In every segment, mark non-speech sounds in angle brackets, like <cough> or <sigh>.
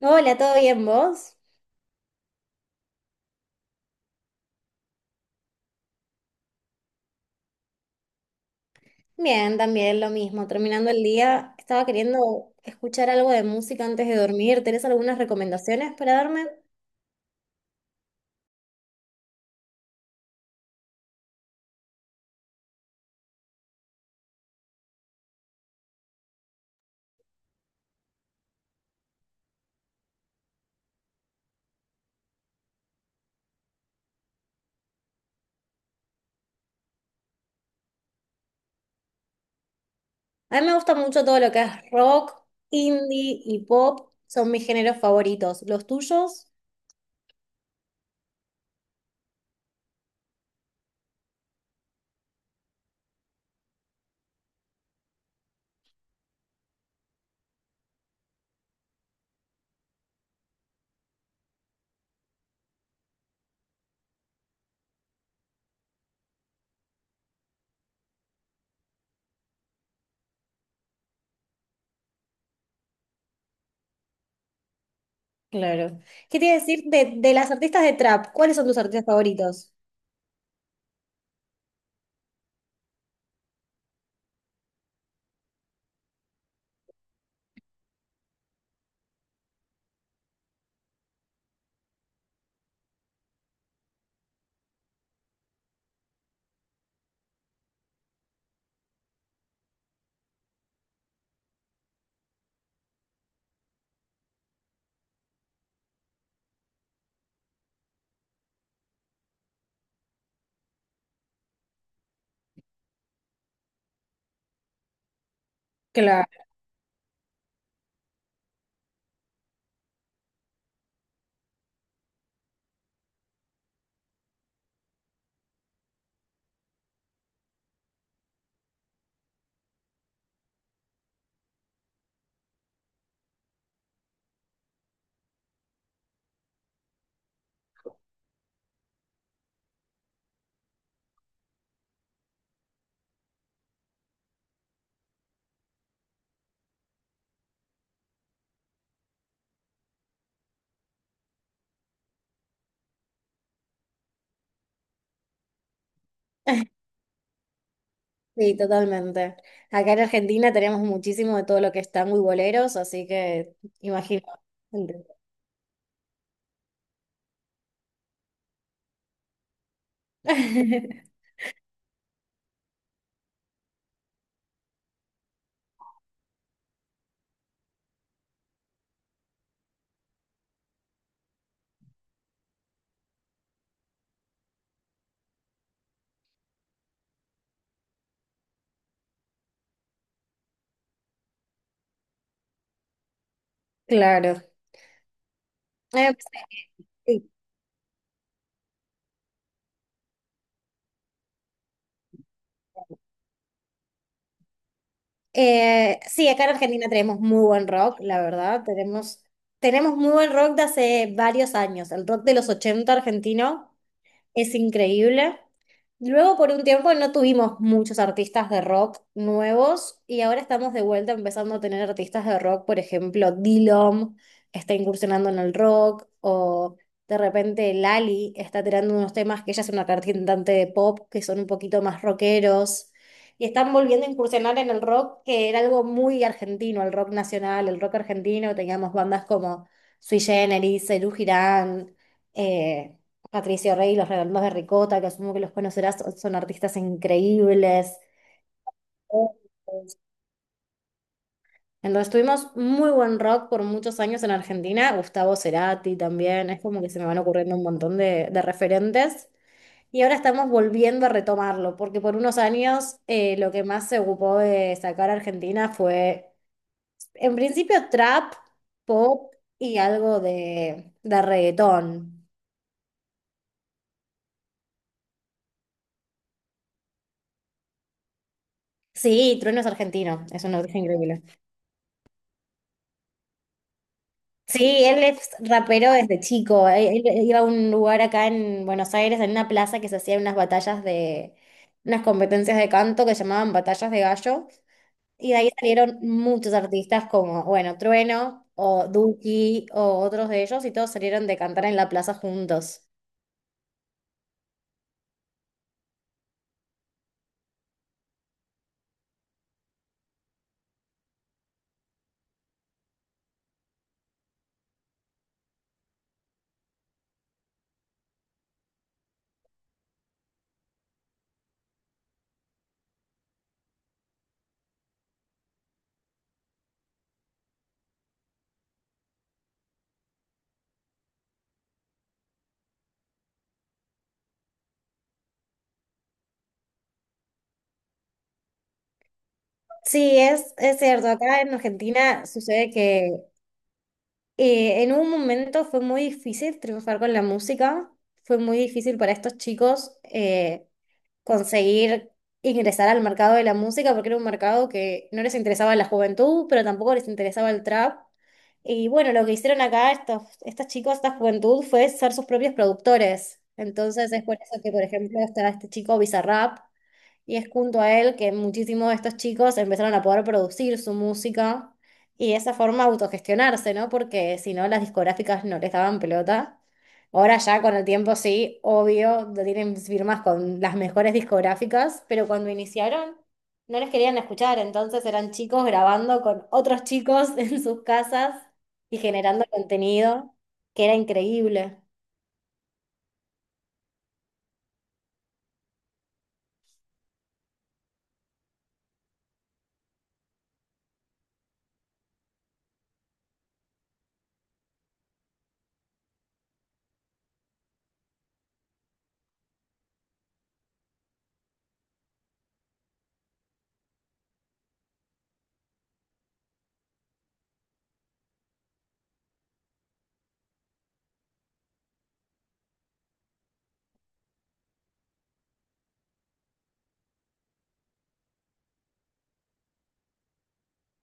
Hola, ¿todo bien vos? Bien, también lo mismo. Terminando el día, estaba queriendo escuchar algo de música antes de dormir. ¿Tenés algunas recomendaciones para darme? A mí me gusta mucho todo lo que es rock, indie y pop. Son mis géneros favoritos. ¿Los tuyos? Claro. ¿Qué te iba a decir de las artistas de trap? ¿Cuáles son tus artistas favoritos? Claro. Sí, totalmente. Acá en Argentina tenemos muchísimo de todo lo que es tango y boleros, así que imagino. <laughs> Claro. Eh, sí, acá en Argentina tenemos muy buen rock, la verdad. Tenemos muy buen rock de hace varios años. El rock de los 80 argentino es increíble. Luego, por un tiempo, no tuvimos muchos artistas de rock nuevos y ahora estamos de vuelta empezando a tener artistas de rock. Por ejemplo, Dillom está incursionando en el rock o de repente Lali está tirando unos temas que ella es una cantante de pop que son un poquito más rockeros y están volviendo a incursionar en el rock que era algo muy argentino, el rock nacional, el rock argentino. Teníamos bandas como Sui Generis, Serú Girán. eh, Patricio Rey, y los Redondos de Ricota, que asumo que los conocerás, son son artistas increíbles. Entonces tuvimos muy buen rock por muchos años en Argentina, Gustavo Cerati también, es como que se me van ocurriendo un montón de referentes. Y ahora estamos volviendo a retomarlo, porque por unos años lo que más se ocupó de sacar a Argentina fue, en principio, trap, pop y algo de reggaetón. Sí, Trueno es argentino, es un origen increíble. Sí, él es rapero desde chico. Él iba a un lugar acá en Buenos Aires, en una plaza que se hacían unas batallas de, unas competencias de canto que se llamaban batallas de gallo. Y de ahí salieron muchos artistas como, bueno, Trueno o Duki o otros de ellos y todos salieron de cantar en la plaza juntos. Sí, es cierto. Acá en Argentina sucede que en un momento fue muy difícil triunfar con la música, fue muy difícil para estos chicos conseguir ingresar al mercado de la música porque era un mercado que no les interesaba la juventud, pero tampoco les interesaba el trap. Y bueno, lo que hicieron acá estos chicos, esta juventud, fue ser sus propios productores. Entonces es por eso que, por ejemplo, está este chico Bizarrap, y es junto a él que muchísimos de estos chicos empezaron a poder producir su música y de esa forma autogestionarse, ¿no? Porque si no, las discográficas no les daban pelota. Ahora ya con el tiempo sí, obvio, tienen firmas con las mejores discográficas, pero cuando iniciaron no les querían escuchar, entonces eran chicos grabando con otros chicos <laughs> en sus casas y generando contenido que era increíble.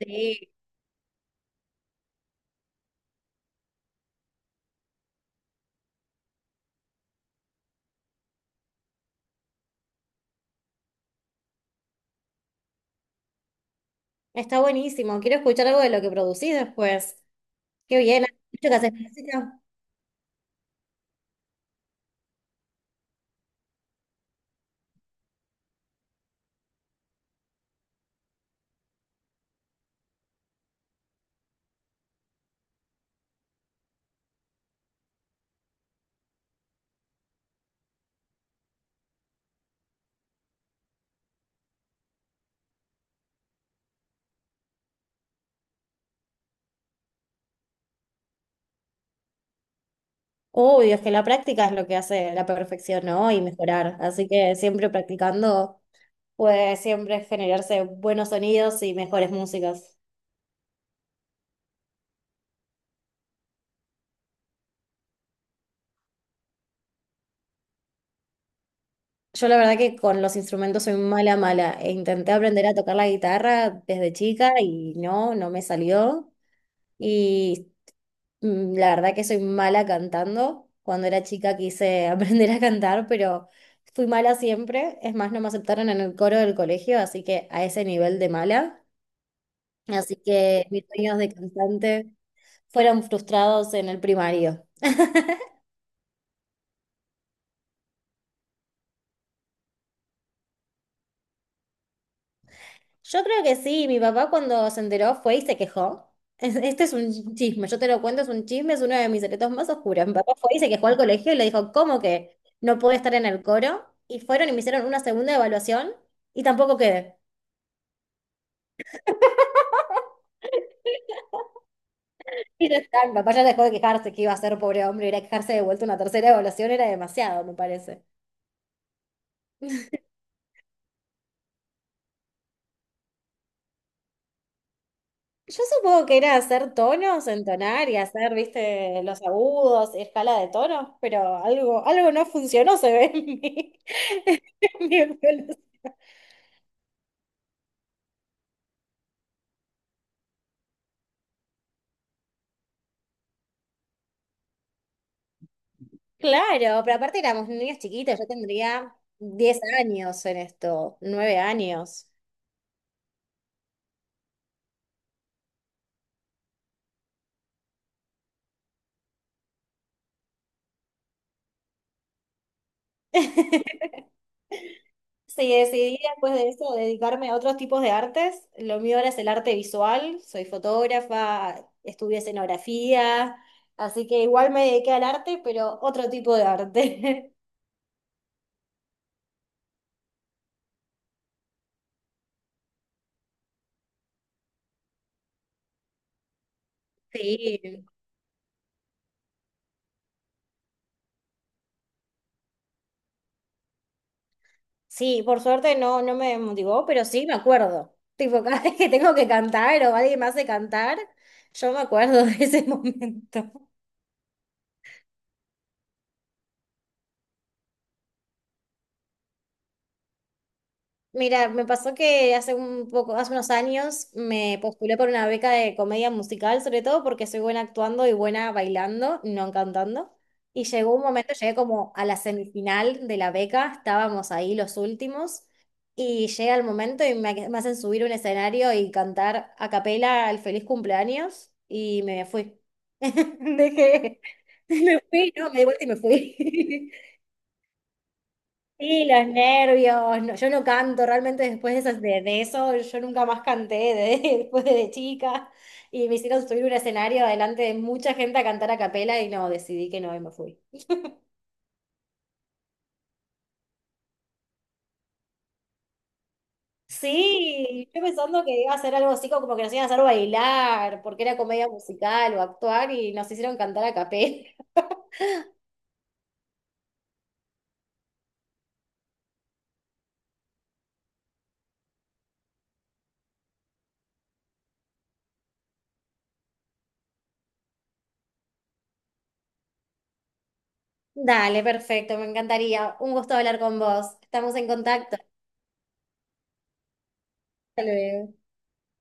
Sí, está buenísimo. Quiero escuchar algo de lo que producís después. Qué bien, has dicho que haces práctica. Uy, es que la práctica es lo que hace la perfección, ¿no? Y mejorar. Así que siempre practicando puede siempre generarse buenos sonidos y mejores músicas. Yo la verdad que con los instrumentos soy mala, mala. E intenté aprender a tocar la guitarra desde chica y no, no me salió. Y la verdad que soy mala cantando. Cuando era chica quise <laughs> aprender a cantar, pero... Fui mala siempre, es más, no me aceptaron en el coro del colegio, así que a ese nivel de mala. Así que mis sueños de cantante fueron frustrados en el primario. Yo creo que sí, mi papá cuando se enteró fue y se quejó. <laughs> Este es un chisme, yo te lo cuento, es un chisme, es uno de mis secretos más oscuros. Mi papá fue y se quejó al colegio y le dijo, ¿cómo que no puedo estar en el coro? Y fueron y me hicieron una segunda evaluación y tampoco quedé. Y ya está, mi papá ya dejó de quejarse que iba a ser pobre hombre, ir a quejarse de vuelta una tercera evaluación era demasiado, me parece. Yo supongo que era hacer tonos, entonar y hacer, viste, los agudos y escala de tonos, pero algo, algo no funcionó, se ve en mi, <laughs> en mi evolución. Claro, pero aparte éramos niños chiquitos, yo tendría 10 años en esto, 9 años. Sí, decidí después de eso dedicarme a otros tipos de artes. Lo mío ahora es el arte visual, soy fotógrafa, estudié escenografía, así que igual me dediqué al arte, pero otro tipo de arte. <laughs> Sí. Sí, por suerte no, no me motivó, pero sí me acuerdo. Tipo, cada <laughs> vez que tengo que cantar o alguien me hace cantar, yo me acuerdo de ese <laughs> momento. Mira, me pasó que hace un poco, hace unos años me postulé por una beca de comedia musical, sobre todo porque soy buena actuando y buena bailando, no cantando. Y llegó un momento, llegué como a la semifinal de la beca, estábamos ahí los últimos, y llega el momento me hacen subir un escenario y cantar a capela el feliz cumpleaños, y me fui. <laughs> Dejé, me fui, no, me di vuelta y me fui. Sí, los nervios. No, yo no canto, realmente después de, esas- de eso, yo nunca más <laughs> después de chica. Y me hicieron subir un escenario delante de mucha gente a cantar a capela y no, decidí que no y me fui. Sí, yo pensando que iba a hacer algo así como que nos iban a hacer bailar, porque era comedia musical o actuar y nos hicieron cantar a capela. <laughs> Dale, perfecto, me encantaría. Un gusto hablar con vos. Estamos en contacto. Hasta luego.